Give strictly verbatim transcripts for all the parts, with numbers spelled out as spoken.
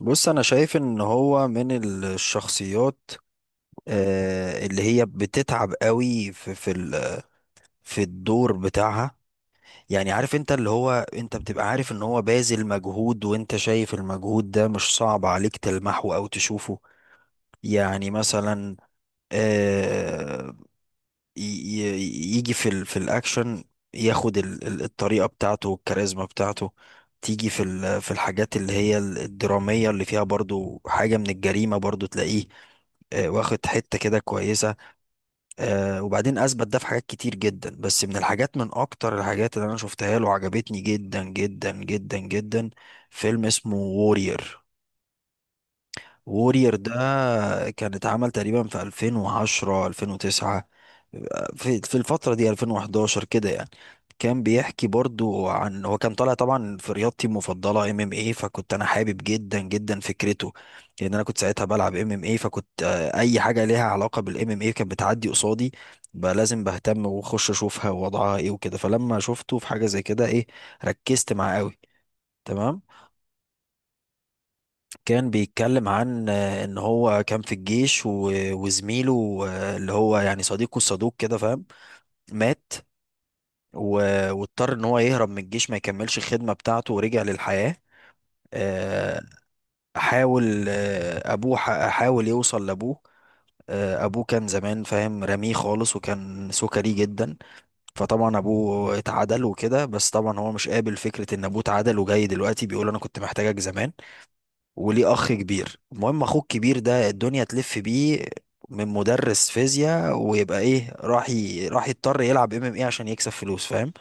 بص انا شايف ان هو من الشخصيات، آه، اللي هي بتتعب قوي في في ال- في الدور بتاعها. يعني عارف انت، اللي هو انت بتبقى عارف ان هو باذل مجهود، وانت شايف المجهود ده مش صعب عليك تلمحه او تشوفه. يعني مثلا ي- ي- يجي في ال في الاكشن، ياخد ال- ال- الطريقه بتاعته والكاريزما بتاعته. تيجي في ال- في الحاجات اللي هي ال- الدراميه، اللي فيها برضو حاجه من الجريمه، برضو تلاقيه آه، واخد حته كده كويسه. آه، وبعدين اثبت ده في حاجات كتير جدا. بس من الحاجات، من اكتر الحاجات اللي انا شفتها له عجبتني جدا جدا جدا جدا، فيلم اسمه وورير. وورير ده كان اتعمل تقريبا في ألفين وعشرة، ألفين وتسعة، في في الفترة دي، ألفين وأحد عشر كده يعني. كان بيحكي برضو عن، هو كان طالع طبعا في رياضتي المفضلة ام ام اي، فكنت انا حابب جدا جدا فكرته، لان انا كنت ساعتها بلعب ام ام اي. فكنت آه، اي حاجة ليها علاقة بالام ام اي كانت بتعدي قصادي، بقى لازم بهتم واخش اشوفها ووضعها ايه وكده. فلما شفته في حاجة زي كده، ايه، ركزت معاه قوي. تمام. كان بيتكلم عن آه، ان هو كان في الجيش و- وزميله، آه، اللي هو يعني صديقه الصدوق كده، فاهم، مات. و- واضطر ان هو يهرب من الجيش ما يكملش الخدمة بتاعته، ورجع للحياة. آه، حاول، آه، ابوه، ح- حاول يوصل لابوه. آه، ابوه كان زمان فاهم رميه خالص، وكان سكري جدا. فطبعا ابوه اتعدل وكده، بس طبعا هو مش قابل فكرة ان ابوه اتعدل وجاي دلوقتي بيقول انا كنت محتاجك زمان. وليه اخ كبير، المهم اخوه الكبير ده الدنيا تلف بيه من مدرس فيزياء، ويبقى ايه، راح ي... راح يضطر يلعب ام ام ايه عشان يكسب فلوس، فاهم.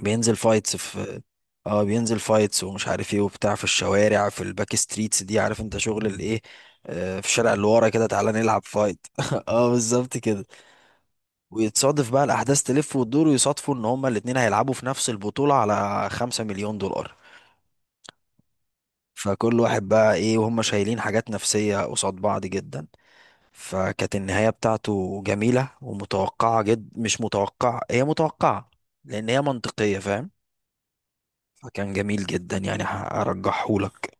بينزل فايتس في، اه بينزل فايتس ومش عارف ايه وبتاع في الشوارع، في الباك ستريتس دي، عارف انت شغل الايه، آه، في الشارع اللي ورا كده، تعالى نلعب فايت اه بالظبط كده. ويتصادف بقى الاحداث تلف وتدور، ويصادفوا ان هما الاتنين هيلعبوا في نفس البطولة على خمسة مليون دولار. فكل واحد بقى ايه، وهم شايلين حاجات نفسية قصاد بعض جدا. فكانت النهاية بتاعته جميلة ومتوقعة، جد مش متوقعة، هي متوقعة لأن هي منطقية فاهم. فكان جميل جدا، يعني هرجحهولك.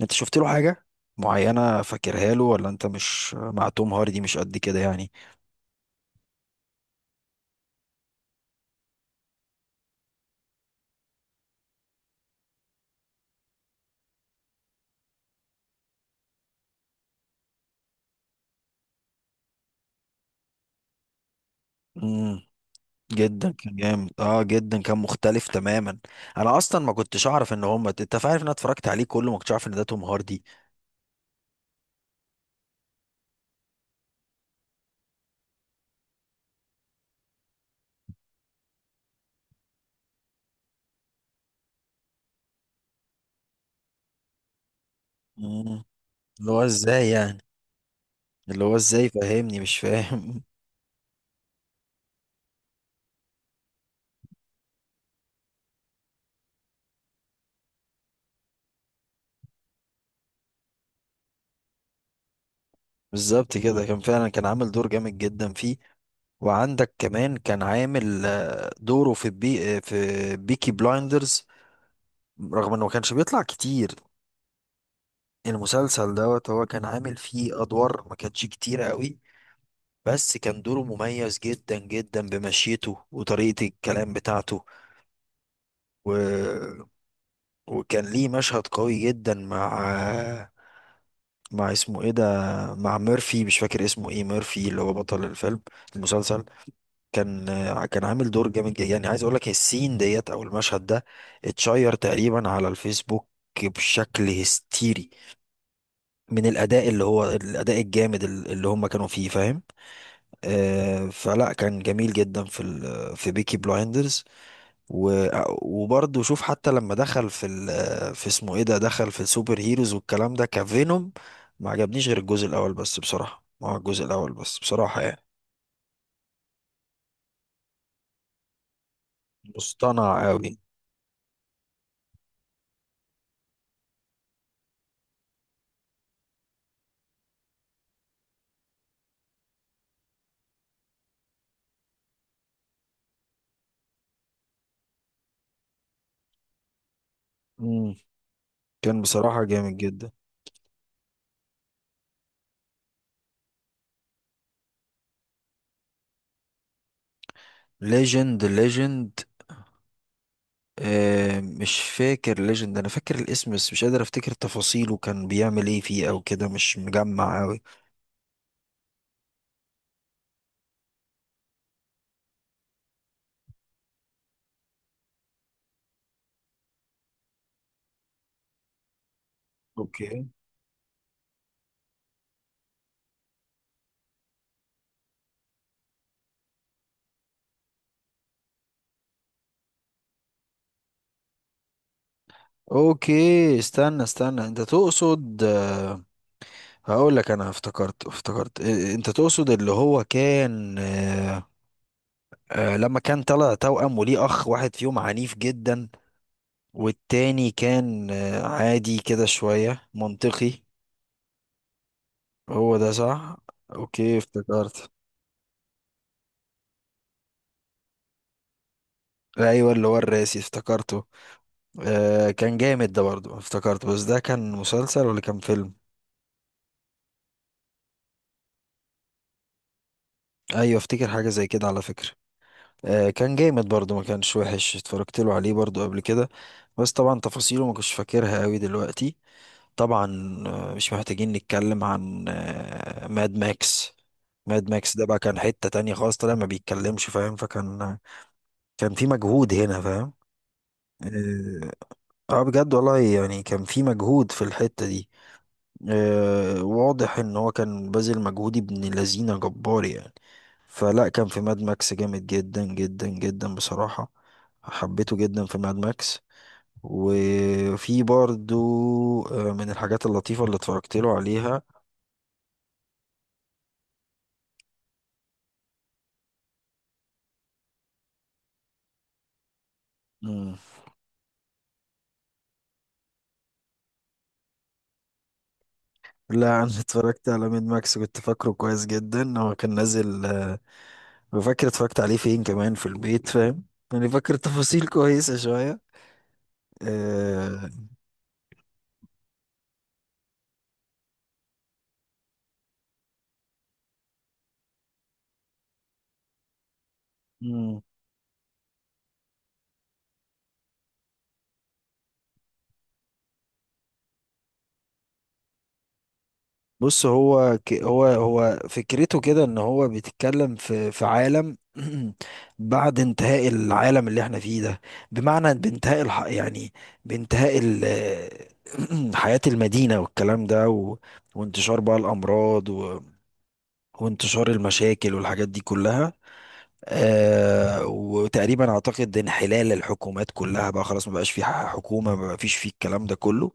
انت شفت له حاجة معينة فاكرها له، ولا انت مش مع توم هاردي مش قد كده يعني؟ امم. جدا كان جامد، اه جدا كان مختلف تماما. انا اصلا ما كنتش اعرف ان هم، انت عارف ان انا اتفرجت عليه كله ما كنتش عارف ان ده توم هاردي. امم. اللي هو ازاي يعني؟ اللي هو ازاي فاهمني، مش فاهم. بالظبط كده، كان فعلا كان عامل دور جامد جدا فيه. وعندك كمان كان عامل آه، دوره في بي آه، في بيكي بلايندرز، رغم انه ما كانش بيطلع كتير. المسلسل دوت هو كان عامل فيه ادوار ما كانتش كتيرة قوي، بس كان دوره مميز جدا جدا بمشيته وطريقة الكلام بتاعته و... وكان ليه مشهد قوي جدا مع، مع اسمه ايه ده، مع ميرفي، مش فاكر اسمه ايه، ميرفي اللي هو بطل الفيلم، المسلسل. كان آه، كان عامل دور جامد جدا. يعني عايز اقول لك السين ديت، او المشهد ده اتشير تقريبا على الفيسبوك بشكل هستيري من الاداء، اللي هو الاداء الجامد ال- اللي هم كانوا فيه فاهم. آه فلا كان جميل جدا في ال- في بيكي بلايندرز. و- وبرضه شوف، حتى لما دخل في ال- في اسمه ايه ده، دخل في السوبر هيروز والكلام ده، كفينوم، ما عجبنيش غير الجزء الاول بس بصراحة. ما هو الجزء الاول بس بصراحة، يعني مصطنع قوي. كان بصراحة جامد جدا. ليجند، ليجند. آه مش فاكر ليجند، انا فاكر الاسم بس مش قادر افتكر تفاصيله، كان بيعمل ايه فيه او كده، مش مجمع اوي. اوكي. اوكي، استنى استنى، انت تقصد آه، هقول لك، انا افتكرت، افتكرت آه، انت تقصد اللي هو كان، آه، آه، لما كان طلع توأم وليه اخ واحد فيهم عنيف جدا، والتاني كان آه، عادي كده، شوية منطقي. هو ده صح. اوكي افتكرت. ايوه، اللي هو الراسي افتكرته. آه كان جامد ده برضه افتكرته، بس ده كان مسلسل ولا كان فيلم؟ ايوه افتكر حاجه زي كده على فكره. آه كان جامد برضه، ما كانش وحش، اتفرجت له عليه برضه قبل كده. بس طبعا تفاصيله ما كنتش فاكرها قوي دلوقتي. طبعا. آه، مش محتاجين نتكلم عن آه ماد ماكس. ماد ماكس ده بقى كان حته تانية خالص، طلع ما بيتكلمش فاهم، فكان كان في مجهود هنا فاهم. اه. آه، بجد والله يعني كان في مجهود في الحته دي. آه، واضح ان هو كان باذل مجهود ابن لذينه جبار يعني. فلا كان في ماد ماكس جامد جدا جدا جدا بصراحة. حبيته جدا في ماد ماكس. وفي برضو آه، من الحاجات اللطيفة اللي اتفرجت له عليها. مم. لا انا اتفرجت على ماد ماكس كنت فاكره كويس جدا. هو كان نازل، آه، فاكر اتفرجت عليه فين، كمان في البيت فاهم، يعني فاكر تفاصيل كويسة شوية. آه، بص هو ك... هو هو فكرته كده، ان هو بيتكلم في في عالم بعد انتهاء العالم اللي احنا فيه ده. بمعنى بانتهاء الح... يعني بانتهاء ال... حياة المدينة والكلام ده و... وانتشار بقى الأمراض و... وانتشار المشاكل والحاجات دي كلها. آه وتقريبا اعتقد انحلال الحكومات كلها بقى خلاص، ما بقاش في ح- حكومة، ما فيش فيه الكلام ده كله.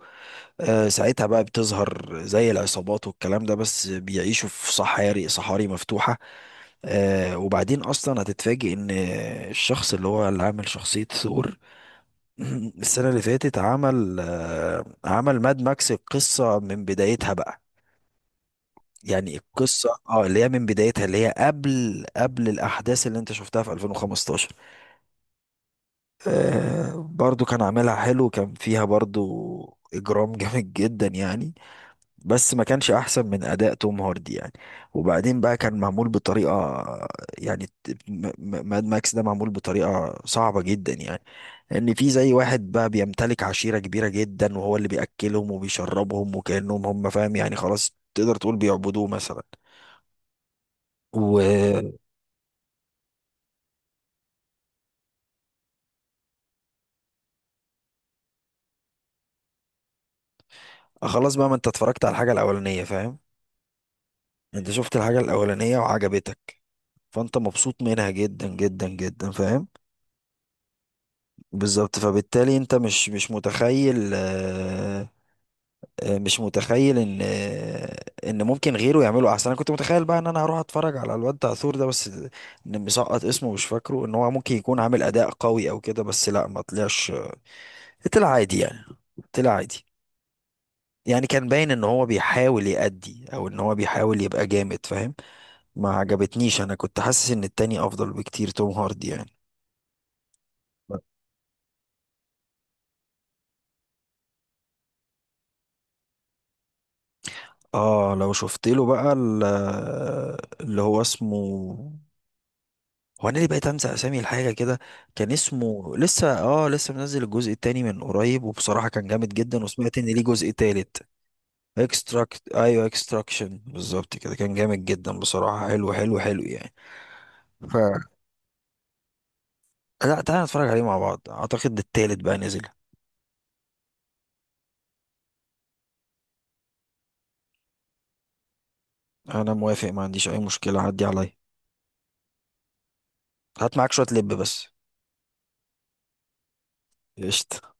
آه، ساعتها بقى بتظهر زي العصابات والكلام ده، بس بيعيشوا في صحاري، صحاري مفتوحة. آه، وبعدين أصلا هتتفاجئ إن الشخص اللي هو اللي عامل شخصية ثور السنة اللي فاتت عمل، آه، عمل ماد ماكس القصة من بدايتها بقى. يعني القصة اه اللي هي من بدايتها، اللي هي قبل قبل الأحداث اللي أنت شفتها في ألفين وخمستاشر. آه، برضو كان عاملها حلو، كان فيها برضو إجرام جامد جدا يعني. بس ما كانش احسن من اداء توم هاردي يعني. وبعدين بقى كان معمول بطريقه. يعني ت- م- م- ماد ماكس ده معمول بطريقه صعبه جدا يعني. ان في زي واحد بقى بيمتلك عشيره كبيره جدا، وهو اللي بياكلهم وبيشربهم، وكانهم هم فاهم يعني، خلاص تقدر تقول بيعبدوه مثلا. وخلاص بقى، ما انت اتفرجت على الحاجه الاولانيه فاهم. انت شفت الحاجه الاولانيه وعجبتك، فانت مبسوط منها جدا جدا جدا فاهم. بالظبط، فبالتالي انت مش مش متخيل، آه، مش متخيل ان آه، ان ممكن غيره يعمله احسن. انا كنت متخيل بقى ان انا هروح اتفرج على الواد ده عثور ده بس، ان مسقط اسمه مش فاكره ان هو ممكن يكون عامل اداء قوي او كده، بس لا ما طلعش، طلع عادي يعني، طلع عادي. يعني كان باين ان هو بيحاول يأدي او ان هو بيحاول يبقى جامد فاهم، ما عجبتنيش. انا كنت حاسس ان التاني افضل بكتير، توم هاردي يعني. اه لو شفت له بقى ال- اللي هو اسمه، هو انا اللي بقيت انسى اسامي الحاجه كده. كان اسمه لسه، اه لسه منزل الجزء التاني من قريب، وبصراحه كان جامد جدا، وسمعت ان ليه جزء تالت. اكستراكت، ايوه اكستراكشن، بالظبط كده، كان جامد جدا بصراحه، حلو حلو حلو يعني. ف لا، تعالى نتفرج عليه مع بعض، اعتقد التالت بقى نزل. انا موافق، ما عنديش اي مشكله، عدي عليا. هات معاك شويه لب بس. قشطه.